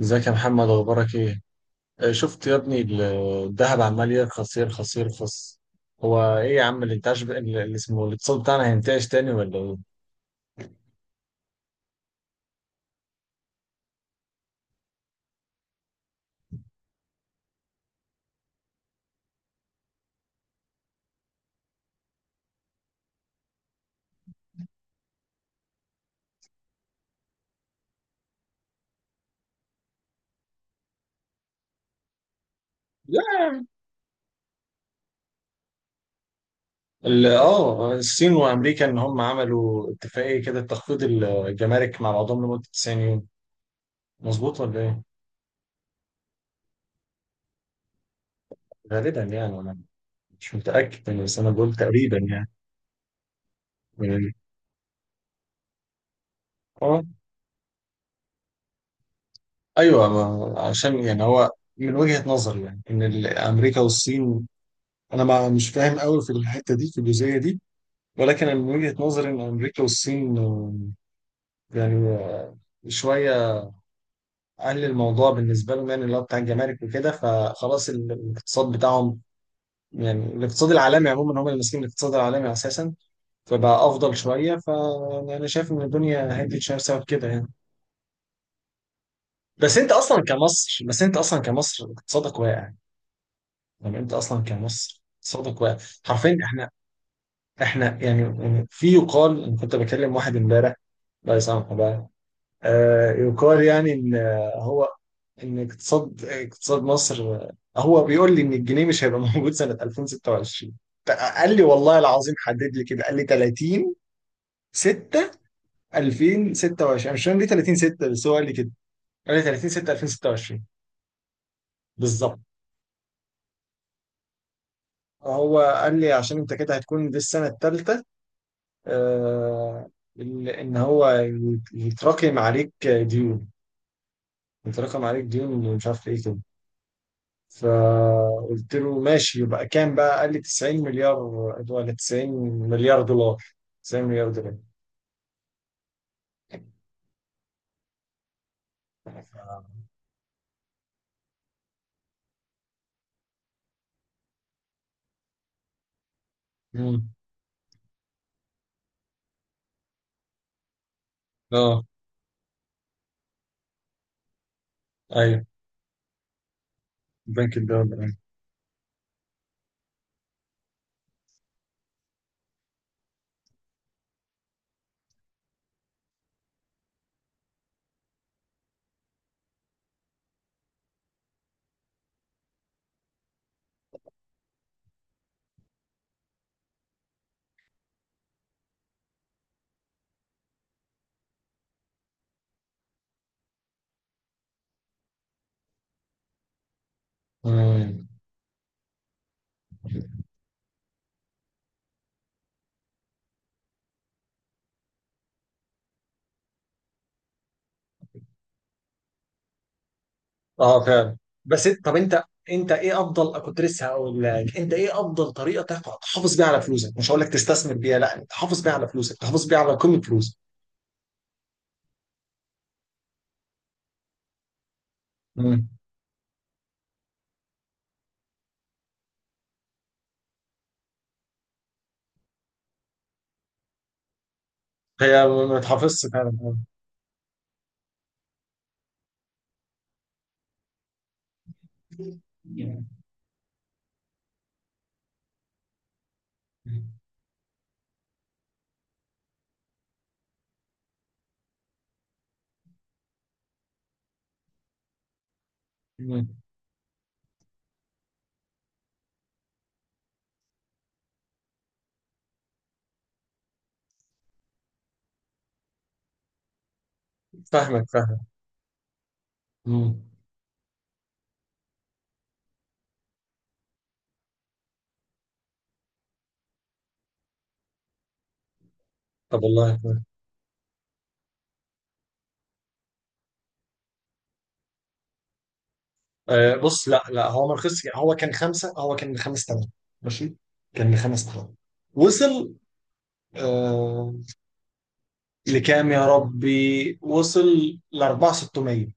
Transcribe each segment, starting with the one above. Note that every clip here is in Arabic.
ازيك يا محمد؟ اخبارك ايه؟ آه، شفت يا ابني الذهب عمال يرخص يرخص يرخص. هو ايه يا عم الانتعاش اللي اسمه الاقتصاد بتاعنا هينتعش تاني ولا ايه؟ لا، الصين وامريكا ان هم عملوا اتفاقيه كده تخفيض الجمارك مع بعضهم لمده 90 يوم. مظبوط ولا ايه؟ غالبا يعني انا مش متاكد يعني، بس انا بقول تقريبا يعني. من- اه ايوه عشان يعني هو من وجهه نظري يعني ان امريكا والصين، انا ما مش فاهم قوي في الحته دي، في الجزئيه دي. ولكن أنا من وجهة نظري إن أمريكا والصين يعني شوية أهل الموضوع بالنسبة لهم، يعني اللي هو بتاع الجمارك وكده، فخلاص الاقتصاد بتاعهم، يعني الاقتصاد العالمي عموما هم اللي ماسكين الاقتصاد العالمي أساسا، فبقى أفضل شوية. فأنا شايف إن الدنيا هدت شوية بسبب كده يعني. بس أنت أصلا كمصر اقتصادك واقع. يعني أنت أصلا كمصر اقتصادك واقع، حرفيا. إحنا يعني يعني في يقال، أنا كنت بكلم واحد إمبارح، الله يسامحه بقى، يقال يعني ان هو ان اقتصاد مصر، هو بيقول لي ان الجنيه مش هيبقى موجود سنة 2026. قال لي والله العظيم، حدد لي كده، قال لي 30 6 2026. مش فاهم ليه 30 6، بس هو قال لي كده، قال لي 30 6 2026. بالظبط. هو قال لي عشان انت كده هتكون دي السنة الثالثة، آه، ان إن هو يتراكم عليك ديون، يتراكم عليك ديون مش عارف ايه كده. فقلت له ماشي، يبقى كام بقى؟ قال لي 90 مليار، ولا 90 مليار دولار، 90 مليار دولار. امم اه ايوه. البنك الدولي. امم اه فعلا. بس انت طب انت انت ايه افضل، كنت لسه هقول لك، انت ايه افضل طريقه تحافظ بيها على فلوسك؟ مش هقول لك تستثمر بيها، لا، انت تحافظ بيها على فلوسك، تحافظ بيها على قيمه فلوسك. امم هي ما تحافظش فعلا أه. مم. فاهمك. مم. طب والله، بص. لا، هو ما رخصش يعني. هو كان خمس تمام، ماشي، كان لخمس تمام. وصل، آه، لكام يا ربي؟ وصل ل 4600.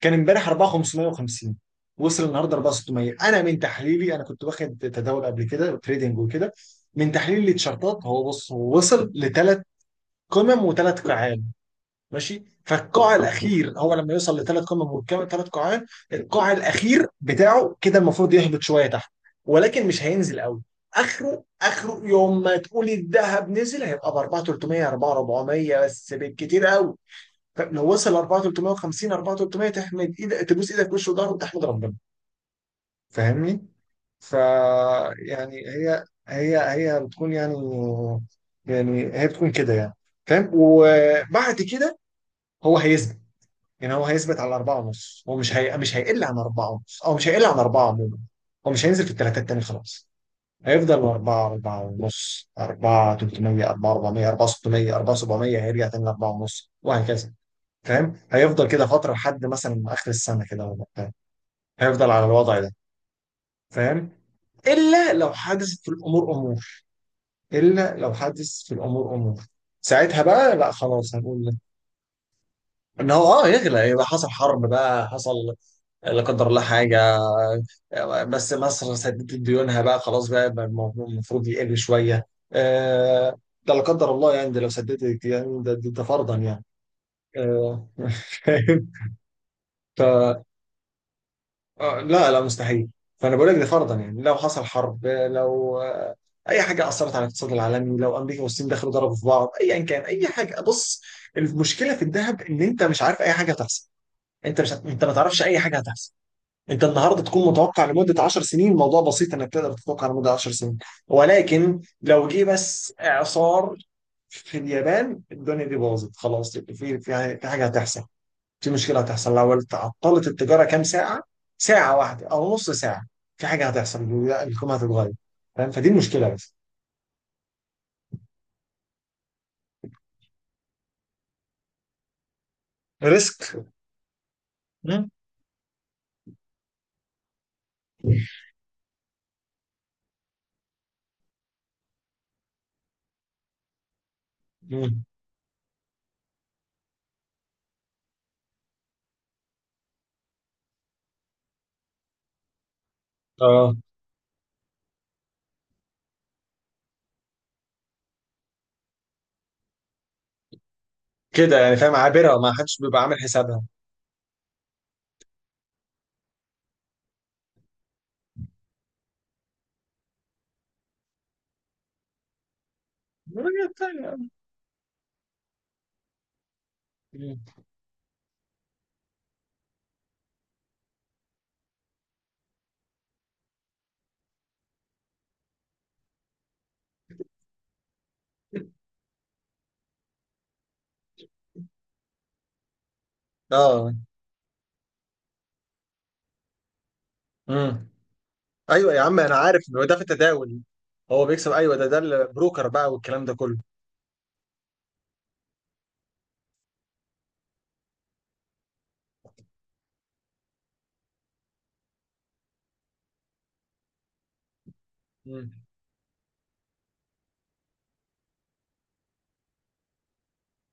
كان امبارح 4550، وصل النهارده 4600. انا من تحليلي، انا كنت واخد تداول قبل كده وتريدنج وكده، من تحليل التيشيرتات، هو بص، هو وصل لثلاث قمم وثلاث قاعات، ماشي. فالقاع الاخير هو لما يوصل لثلاث قمم والكم ثلاث قاعات، القاع الاخير بتاعه كده المفروض يهبط شويه تحت. ولكن مش هينزل قوي، اخره اخره يوم ما تقولي الذهب نزل هيبقى ب 4300 4400 بس، بالكتير قوي. فلو وصل 4350 4300 تحمد ايدك، تبوس ايدك في وش وضهر وتحمد ربنا. فاهمني؟ ف يعني هي بتكون يعني، يعني هي بتكون كده يعني. فاهم؟ وبعد كده هو هيثبت، يعني هو هيثبت على أربعة ونص. هو مش هي... مش هيقل عن أربعة ونص، أو مش هيقل عن أربعة عموما. هو مش هينزل في التلاتات تاني خلاص. هيفضل أربعة، أربعة ونص، أربعة 300، أربعة 400، أربعة 600، أربعة 700، هيرجع تاني لأربعة ونص، وهكذا. فاهم؟ هيفضل كده فترة لحد مثلا آخر السنة كده ولا بتاع، هيفضل على الوضع ده، فاهم. إلا لو حدثت في الأمور أمور إلا لو حدث في الأمور أمور، ساعتها بقى لا، خلاص، هنقول ان هو اه يغلى. يبقى حصل حرب بقى، حصل لا قدر الله حاجة، بس مصر سددت ديونها بقى خلاص، بقى الموضوع المفروض يقل شوية. آه، ده لا قدر الله يعني، ده لو سددت يعني، ده فرضا يعني. آه، فاهم. ف لا مستحيل. فأنا بقول لك ده فرضا يعني، لو حصل حرب، لو أي حاجة أثرت على الاقتصاد العالمي، لو أمريكا والصين دخلوا ضربوا في بعض، أيا كان، أي حاجة. بص، المشكلة في الذهب إن أنت مش عارف أي حاجة هتحصل. أنت مش هت- أنت ما تعرفش أي حاجة هتحصل. انت النهارده تكون متوقع لمده 10 سنين، الموضوع بسيط انك تقدر تتوقع لمده 10 سنين. ولكن لو جه بس اعصار في اليابان، الدنيا دي باظت خلاص. في حاجه هتحصل، في مشكله هتحصل، لو تعطلت التجاره كام ساعه، ساعه واحده او نص ساعه، في حاجه هتحصل، الحكومه هتتغير. فاهم؟ فدي المشكله بس. ريسك. مم. مم. اه كده يعني فاهم، عابره، ما حدش بيبقى عامل حسابها. مم. اه. مم. ايوه يا عم، انا عارف ان هو ده في التداول، هو بيكسب، ايوه، ده البروكر بقى والكلام ده كله. مم.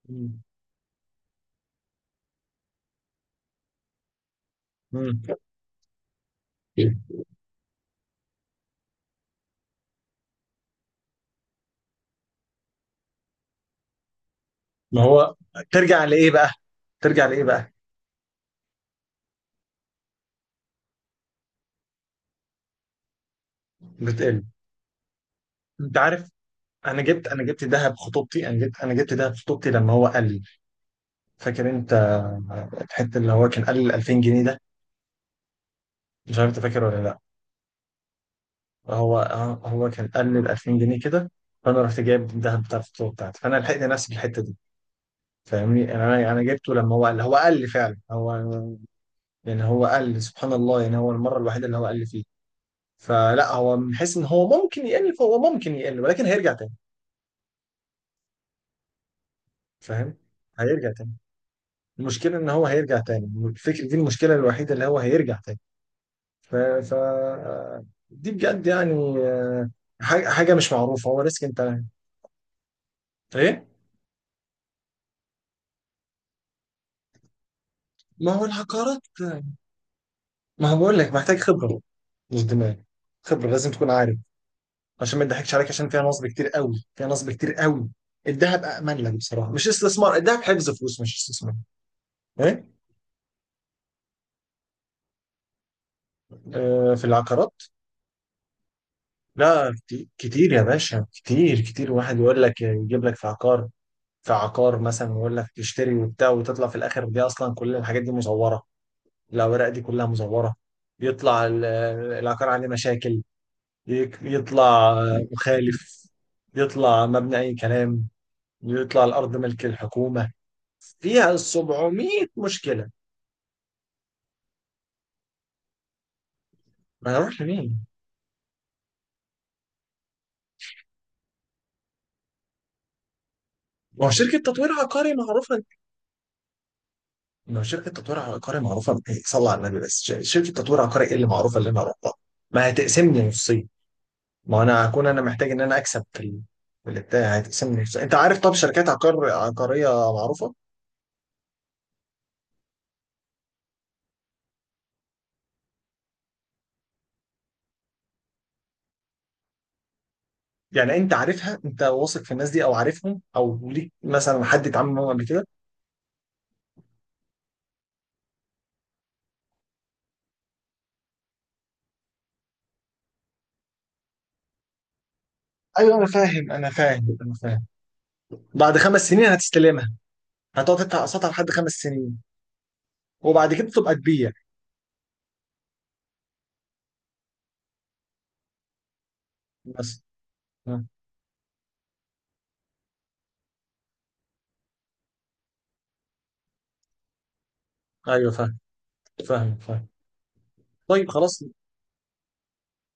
مم. مم. ما هو، ترجع لايه بقى؟ ترجع لايه بقى؟ بتقل. انت عارف، انا جبت دهب خطوبتي، انا جبت دهب خطوبتي لما هو قال لي، فاكر انت الحته اللي هو كان قال لي ال 2000 جنيه ده، مش عارف انت فاكر ولا لا؟ هو هو كان قال لي ال 2000 جنيه كده، فانا رحت جايب الدهب بتاع الخطوبه بتاعتي، فانا لحقت نفسي في الحته دي. فاهمني؟ يعني انا جبته لما هو قال لي. فعلا هو يعني هو قل، سبحان الله، يعني هو المرة الوحيدة اللي هو قل فيه. فلا هو من حيث ان هو ممكن يقل، فهو ممكن يقل، ولكن هيرجع تاني، فاهم؟ هيرجع تاني. المشكلة ان هو هيرجع تاني، الفكرة دي المشكلة الوحيدة، اللي هو هيرجع تاني. ف, ف... دي بجد يعني، آه، حاجة مش معروفة، هو ريسك. انت ايه؟ ما هو العقارات، ما هو بقول لك محتاج خبرة، مش دماغ. خبرة، لازم تكون عارف، عشان ما نضحكش عليك، عشان فيها نصب كتير قوي، فيها نصب كتير قوي. الذهب امن لك بصراحه، مش استثمار، الذهب حفظ فلوس مش استثمار. ايه؟ آه في العقارات. لا كتير يا باشا، كتير كتير. واحد يقول لك يجيب لك في عقار، مثلا، ويقول لك تشتري وبتاع، وتطلع في الاخر دي اصلا كل الحاجات دي مزوره، الاوراق دي كلها مزوره، يطلع العقار عليه مشاكل، يطلع مخالف، يطلع مبني اي كلام، يطلع الارض ملك الحكومه، فيها 700 مشكله. ما اروح لمين؟ ما هو شركه تطوير عقاري معروفه. ما هو شركه تطوير عقاري معروفه إيه، صلى على النبي، بس شركه تطوير عقاري ايه اللي معروفه اللي انا اروح لها؟ ما هتقسمني نصين، ما انا هكون انا محتاج ان انا اكسب في في البتاع، هتقسمني نصين. انت عارف طب شركات عقار عقاريه معروفه؟ يعني انت عارفها، انت واثق في الناس دي او عارفهم، او ليك مثلا حد اتعامل معاهم قبل كده؟ ايوه انا فاهم، انا فاهم. بعد خمس سنين هتستلمها، هتقعد تدفع اقساطها لحد خمس سنين، وبعد كده تبقى تبيع. بس آه. ايوه فاهم، فاهم. طيب خلاص.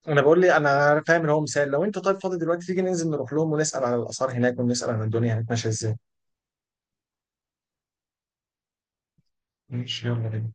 انا بقول لي انا فاهم، ان هو مثال، لو انت طيب فاضي دلوقتي تيجي ننزل نروح لهم ونسال على الاسعار هناك، ونسال عن الدنيا هناك ماشيه ازاي. ماشي، يلا بينا.